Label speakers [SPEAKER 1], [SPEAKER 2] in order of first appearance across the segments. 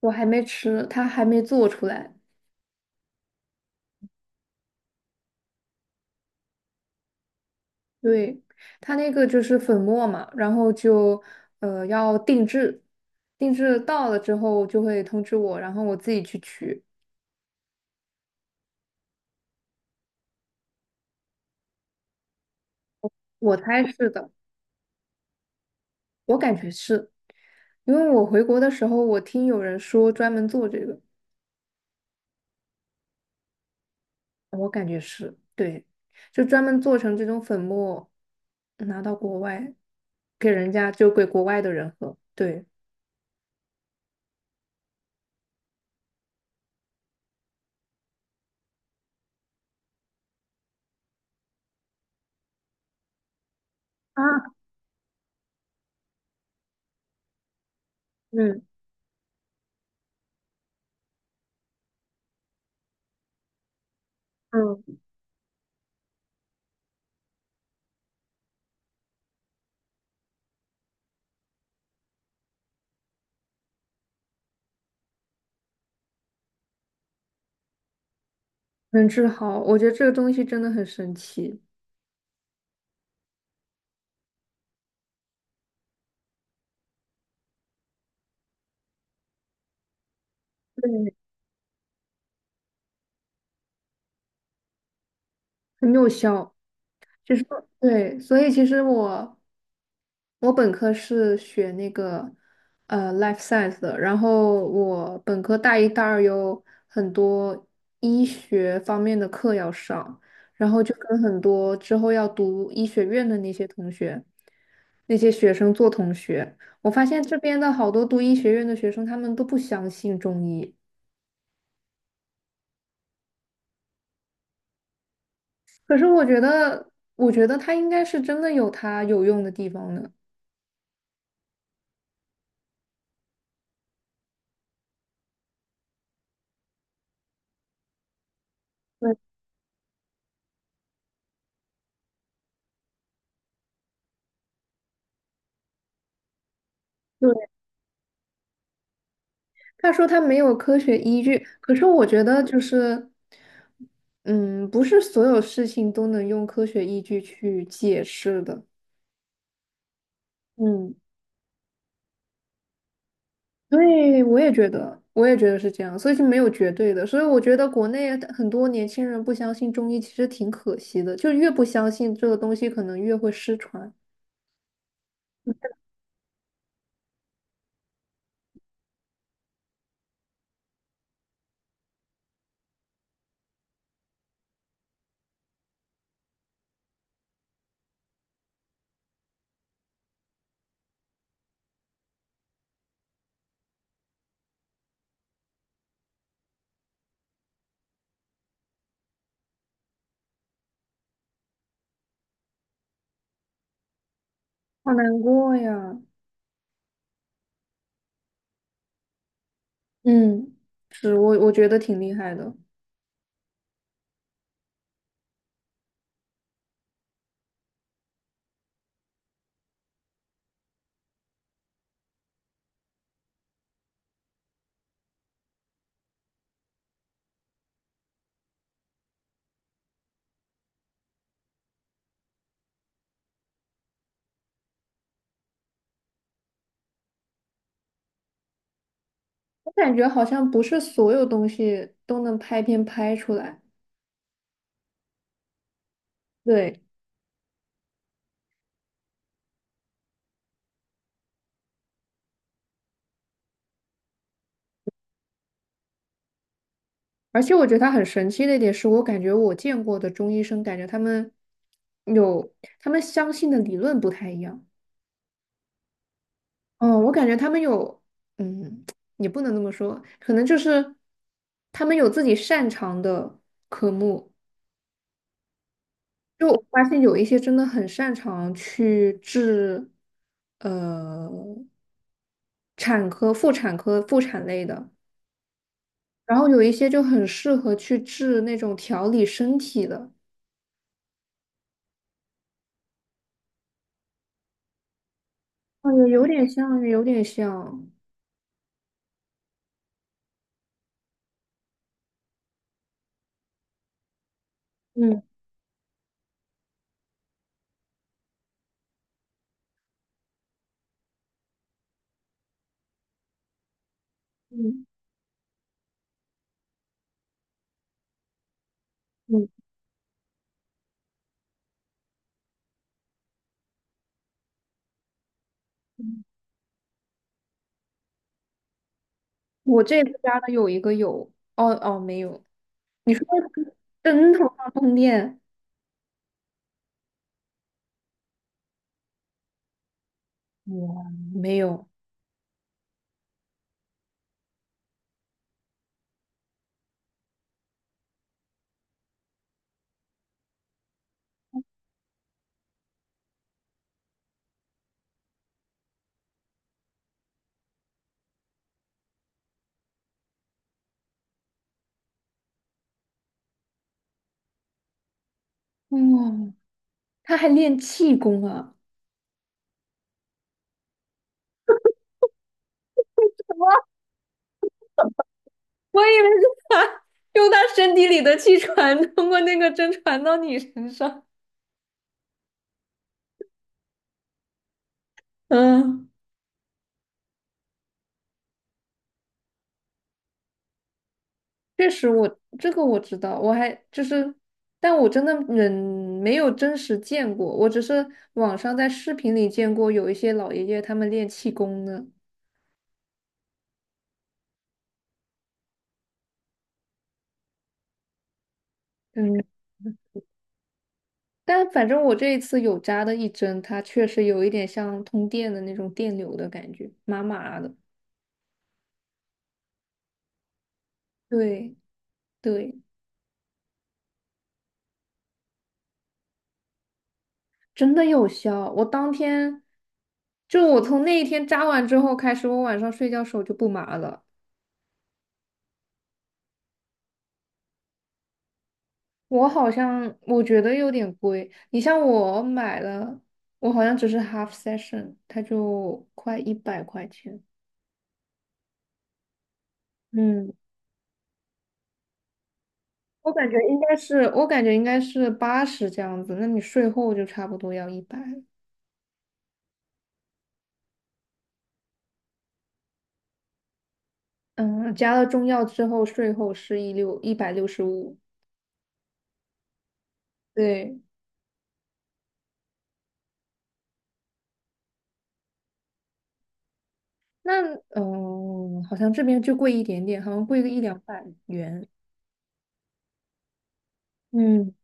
[SPEAKER 1] 我还没吃，它还没做出来。对，它那个就是粉末嘛，然后就要定制，定制到了之后就会通知我，然后我自己去取。我猜是的，我感觉是，因为我回国的时候我听有人说专门做这个，我感觉是，对，就专门做成这种粉末，拿到国外给人家就给国外的人喝。对啊，嗯嗯，能治好，我觉得这个东西真的很神奇。对，很有效。就是对，所以其实我本科是学那个life science 的，然后我本科大一、大二有很多医学方面的课要上，然后就跟很多之后要读医学院的那些同学、那些学生做同学。我发现这边的好多读医学院的学生，他们都不相信中医，可是我觉得，我觉得它应该是真的有它有用的地方的。对，他说他没有科学依据，可是我觉得就是，嗯，不是所有事情都能用科学依据去解释的。嗯，对，我也觉得，我也觉得是这样，所以是没有绝对的。所以我觉得国内很多年轻人不相信中医，其实挺可惜的，就越不相信这个东西，可能越会失传，好难过呀。嗯，是我觉得挺厉害的，我感觉好像不是所有东西都能拍片拍出来。对。而且我觉得他很神奇的一点是，我感觉我见过的中医生，感觉他们有他们相信的理论不太一样。哦，我感觉他们有，嗯，也不能这么说，可能就是他们有自己擅长的科目。就我发现有一些真的很擅长去治，呃，产科、妇产科、妇产类的，然后有一些就很适合去治那种调理身体的。哦，也有点像，有点像。嗯嗯嗯，嗯我这次家的有一个有，哦哦没有，你说的灯头上通电，哇，没有，哇，他还练气功啊，我以为是他用他身体里的气传通过那个针传到你身上。嗯，确实我这个我知道，我还就是，但我真的人没有真实见过，我只是网上在视频里见过有一些老爷爷他们练气功的。嗯。但反正我这一次有扎的一针，它确实有一点像通电的那种电流的感觉，麻麻的。对对，真的有效。我当天，就我从那一天扎完之后开始，我晚上睡觉手就不麻了。我好像我觉得有点贵，你像我买了，我好像只是 half session,它就快100块钱。嗯，我感觉应该是，我感觉应该是80这样子，那你税后就差不多要一百。嗯，加了中药之后，税后是165。对，那好像这边就贵一点点，好像贵个一两百元。嗯，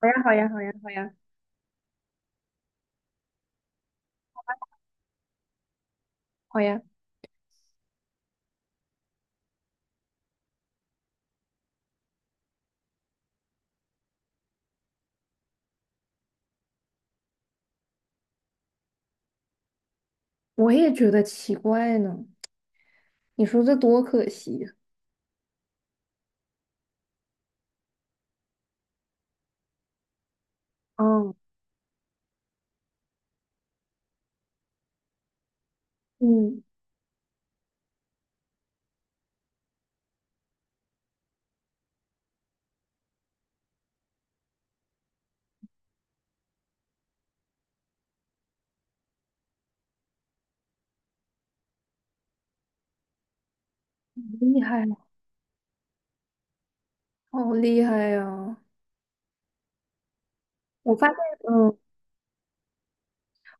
[SPEAKER 1] 好呀，好呀，好呀，好呀，好呀，我也觉得奇怪呢。你说这多可惜呀！嗯嗯，厉害，好厉害呀！我发现，嗯，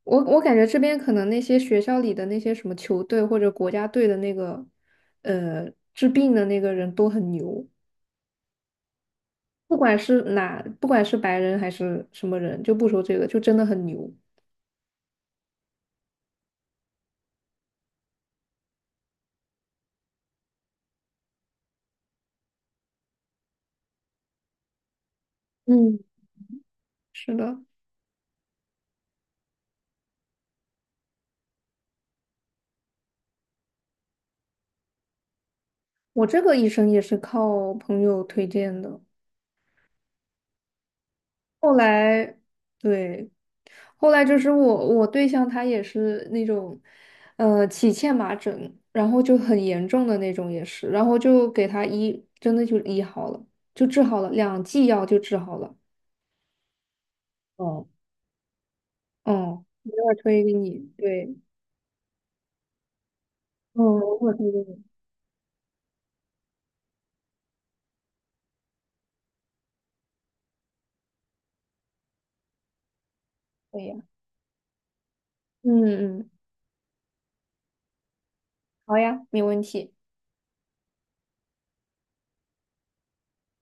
[SPEAKER 1] 我感觉这边可能那些学校里的那些什么球队或者国家队的那个，治病的那个人都很牛。不管是哪，不管是白人还是什么人，就不说这个，就真的很牛。嗯，是的，我这个医生也是靠朋友推荐的。后来，对，后来就是我对象他也是那种，起荨麻疹，然后就很严重的那种也是，然后就给他医，真的就医好了，就治好了，两剂药就治好了。哦，哦，一会儿推给你，对，嗯，我会推给你。对呀，嗯嗯。好呀，没问题。